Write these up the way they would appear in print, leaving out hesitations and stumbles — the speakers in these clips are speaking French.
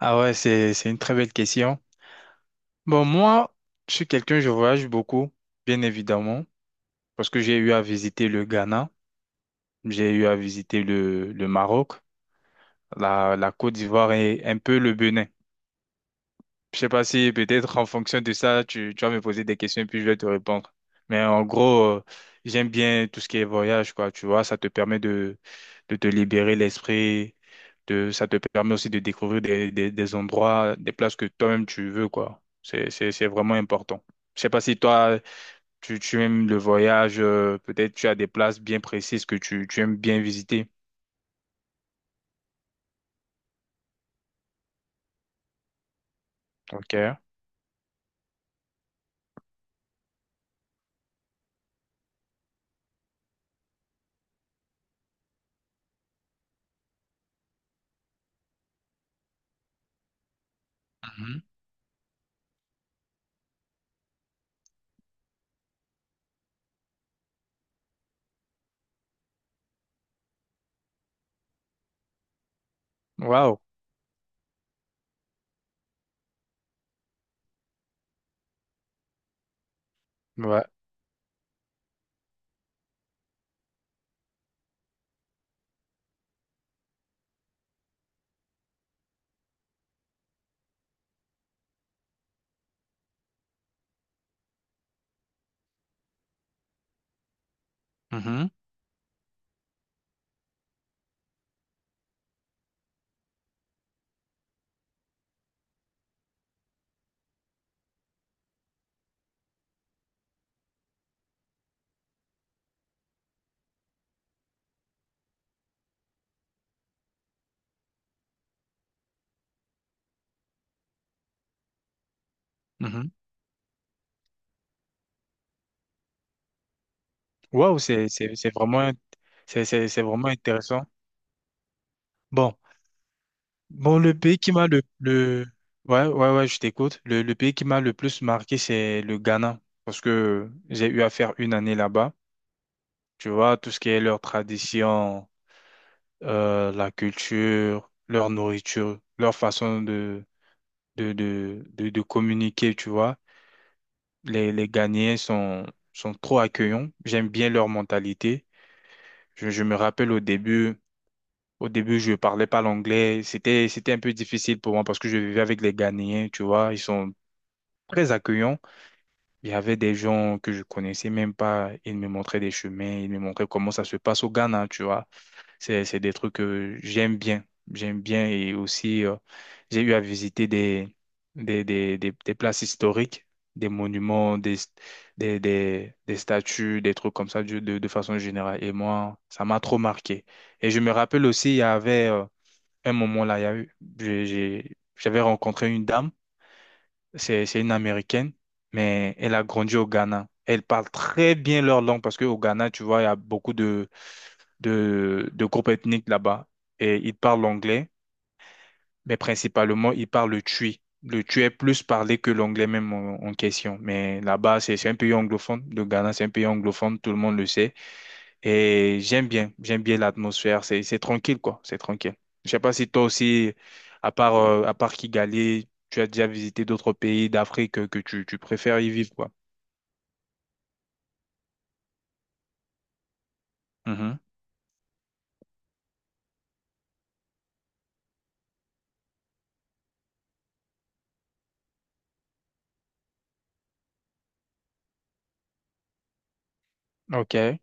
Ah ouais, c'est une très belle question. Bon, moi, je suis quelqu'un, je voyage beaucoup, bien évidemment, parce que j'ai eu à visiter le Ghana, j'ai eu à visiter le Maroc, la Côte d'Ivoire et un peu le Bénin. Je sais pas si peut-être en fonction de ça, tu vas me poser des questions et puis je vais te répondre. Mais en gros, j'aime bien tout ce qui est voyage, quoi. Tu vois, ça te permet de te libérer l'esprit, ça te permet aussi de découvrir des endroits, des places que toi-même tu veux, quoi. C'est vraiment important. Je sais pas si toi, tu aimes le voyage, peut-être tu as des places bien précises que tu aimes bien visiter. Ok. Mhm. Waouh. Ouais. Mhm. Mhm. Waouh, c'est vraiment intéressant. Bon, bon, le pays qui m'a ouais, ouais, ouais, je t'écoute. Le pays qui m'a le plus marqué, c'est le Ghana, parce que j'ai eu à faire une année là-bas. Tu vois, tout ce qui est leur tradition, la culture, leur nourriture, leur façon de communiquer, tu vois. Les Ghanéens sont trop accueillants. J'aime bien leur mentalité. Je me rappelle au début. Au début, je parlais pas l'anglais. C'était un peu difficile pour moi parce que je vivais avec les Ghanéens, tu vois. Ils sont très accueillants. Il y avait des gens que je connaissais même pas. Ils me montraient des chemins. Ils me montraient comment ça se passe au Ghana, tu vois. C'est des trucs que j'aime bien. J'aime bien. Et aussi, j'ai eu à visiter des places historiques, des monuments, des statues, des trucs comme ça de façon générale. Et moi, ça m'a trop marqué. Et je me rappelle aussi, il y avait, un moment là, il y a eu- j'ai- j'avais rencontré une dame, c'est une Américaine, mais elle a grandi au Ghana. Elle parle très bien leur langue parce qu'au Ghana, tu vois, il y a beaucoup de groupes ethniques là-bas. Et ils parlent l'anglais, mais principalement, ils parlent le tui. Le tui est plus parlé que l'anglais même en question. Mais là-bas, c'est un pays anglophone. Le Ghana, c'est un pays anglophone, tout le monde le sait. Et j'aime bien l'atmosphère, c'est tranquille quoi, c'est tranquille. Je sais pas si toi aussi, à part Kigali, tu as déjà visité d'autres pays d'Afrique que tu préfères y vivre quoi. Mhm. Ok.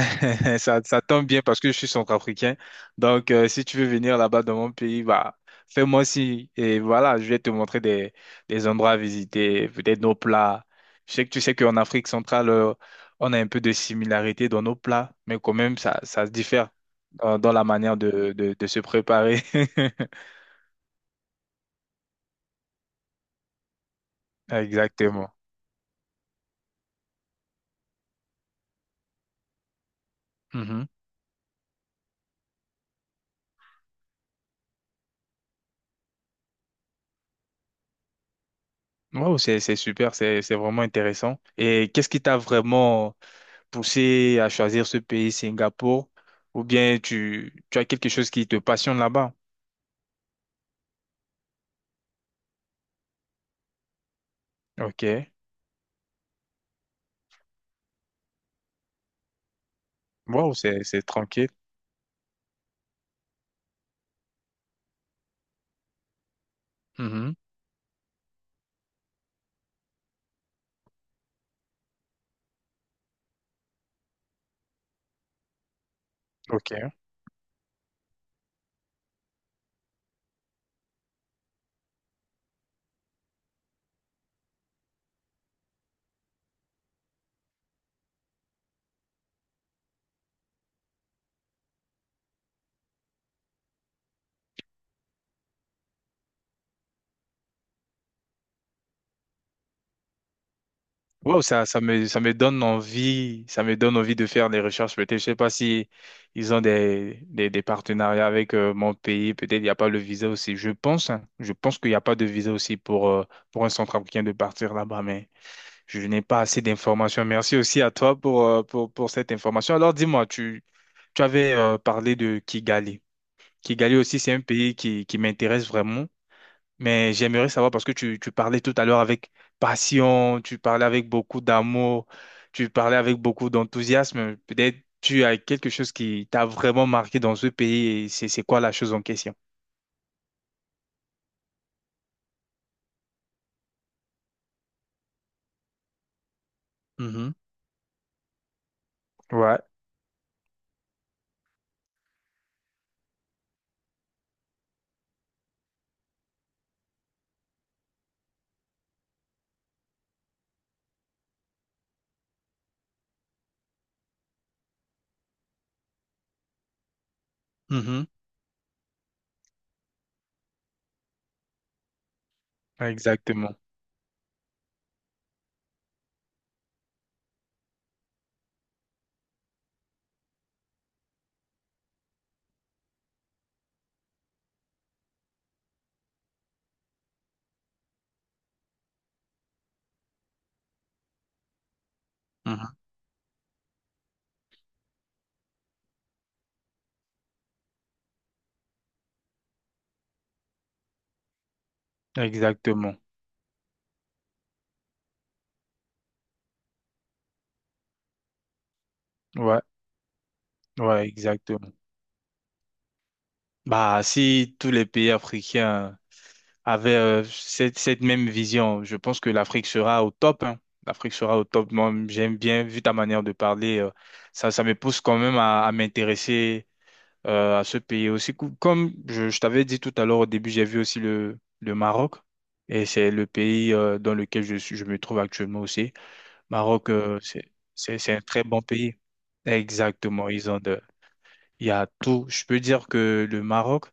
Ça tombe bien parce que je suis centrafricain. Donc, si tu veux venir là-bas dans mon pays, bah, fais-moi si et voilà, je vais te montrer des endroits à visiter, peut-être nos plats. Je sais que tu sais qu'en Afrique centrale, on a un peu de similarité dans nos plats, mais quand même, ça se diffère dans, dans la manière de se préparer. Exactement. Mhm. Wow, c'est super, c'est vraiment intéressant. Et qu'est-ce qui t'a vraiment poussé à choisir ce pays, Singapour, ou bien tu as quelque chose qui te passionne là-bas. Ok. Wow, c'est tranquille. Mhm. Ok. Wow, ça me donne envie, ça me donne envie de faire des recherches. Peut-être, je sais pas si ils ont des partenariats avec mon pays. Peut-être il n'y a pas le visa aussi. Je pense, hein, je pense qu'il n'y a pas de visa aussi pour un centrafricain de partir là-bas, mais je n'ai pas assez d'informations. Merci aussi à toi pour, pour cette information. Alors, dis-moi, tu tu avais parlé de Kigali. Kigali aussi, c'est un pays qui m'intéresse vraiment, mais j'aimerais savoir parce que tu parlais tout à l'heure avec passion, tu parlais avec beaucoup d'amour, tu parlais avec beaucoup d'enthousiasme. Peut-être tu as quelque chose qui t'a vraiment marqué dans ce pays et c'est quoi la chose en question? Mhm. Ouais. Mhm. Exactement. Mhm. Exactement. Ouais. Ouais, exactement. Bah, si tous les pays africains avait cette, cette même vision. Je pense que l'Afrique sera au top. Hein. L'Afrique sera au top. Moi, j'aime bien, vu ta manière de parler, ça me pousse quand même à m'intéresser à ce pays aussi. Cou- Comme je t'avais dit tout à l'heure au début, j'ai vu aussi le Maroc. Et c'est le pays dans lequel je suis, je me trouve actuellement aussi. Maroc, c'est un très bon pays. Exactement. Ils ont de, il y a tout. Je peux dire que le Maroc,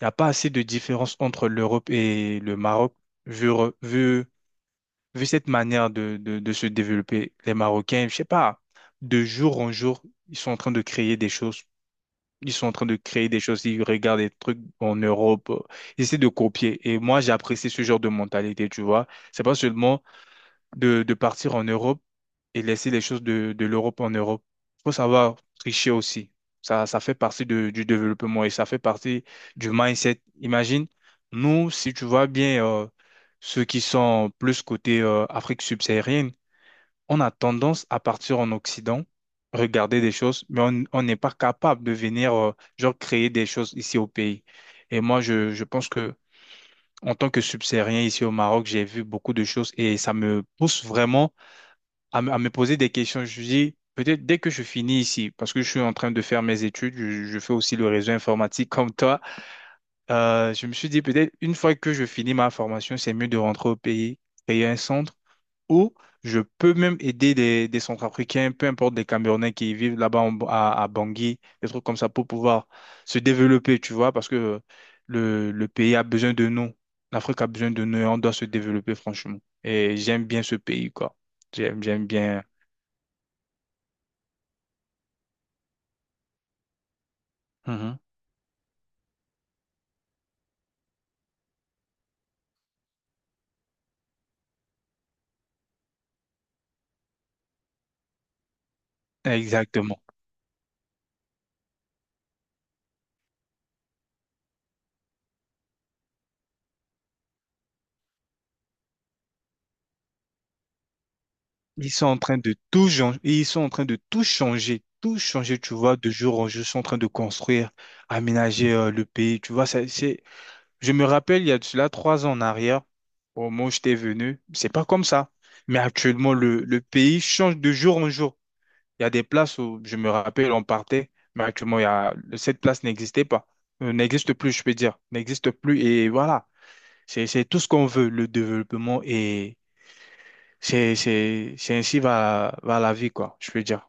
il n'y a pas assez de différence entre l'Europe et le Maroc, vu, re- vu, vu cette manière de se développer. Les Marocains, je sais pas, de jour en jour, ils sont en train de créer des choses. Ils sont en train de créer des choses. Ils regardent des trucs en Europe. Ils essaient de copier. Et moi, j'apprécie ce genre de mentalité, tu vois. C'est pas seulement de partir en Europe et laisser les choses de l'Europe en Europe. Il faut savoir tricher aussi. Ça fait partie de- du développement et ça fait partie du mindset. Imagine, nous, si tu vois bien ceux qui sont plus côté Afrique subsaharienne, on a tendance à partir en Occident, regarder des choses, mais on n'est pas capable de venir genre créer des choses ici au pays. Et moi, je pense que en tant que subsaharien ici au Maroc, j'ai vu beaucoup de choses et ça me pousse vraiment à me poser des questions. Je dis, peut-être dès que je finis ici, parce que je suis en train de faire mes études, je fais aussi le réseau informatique comme toi, je me suis dit, peut-être une fois que je finis ma formation, c'est mieux de rentrer au pays, créer un centre où je peux même aider des Centrafricains, peu importe des Camerounais qui vivent là-bas en- à Bangui, des trucs comme ça pour pouvoir se développer, tu vois, parce que le pays a besoin de nous. L'Afrique a besoin de nous et on doit se développer, franchement. Et j'aime bien ce pays, quoi. J'aime, j'aime bien. Mhm. Exactement. Ils sont en train de tout changer, ils sont en train de tout changer, tu vois, de jour en jour, ils sont en train de construire, aménager le pays, tu vois, ça, c'est, je me rappelle, il y a de cela 3 ans en arrière, au moment où j'étais venu, c'est pas comme ça. Mais actuellement, le pays change de jour en jour. Il y a des places où, je me rappelle, on partait, mais actuellement, il y a, cette place n'existait pas, euh, n'existe plus, je peux dire, n'existe plus, et voilà, c'est tout ce qu'on veut, le développement. C'est ainsi va la vie, quoi, je peux dire.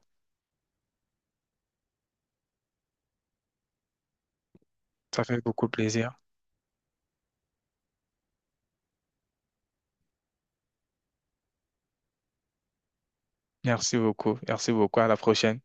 Ça fait beaucoup plaisir. Merci beaucoup. Merci beaucoup. À la prochaine.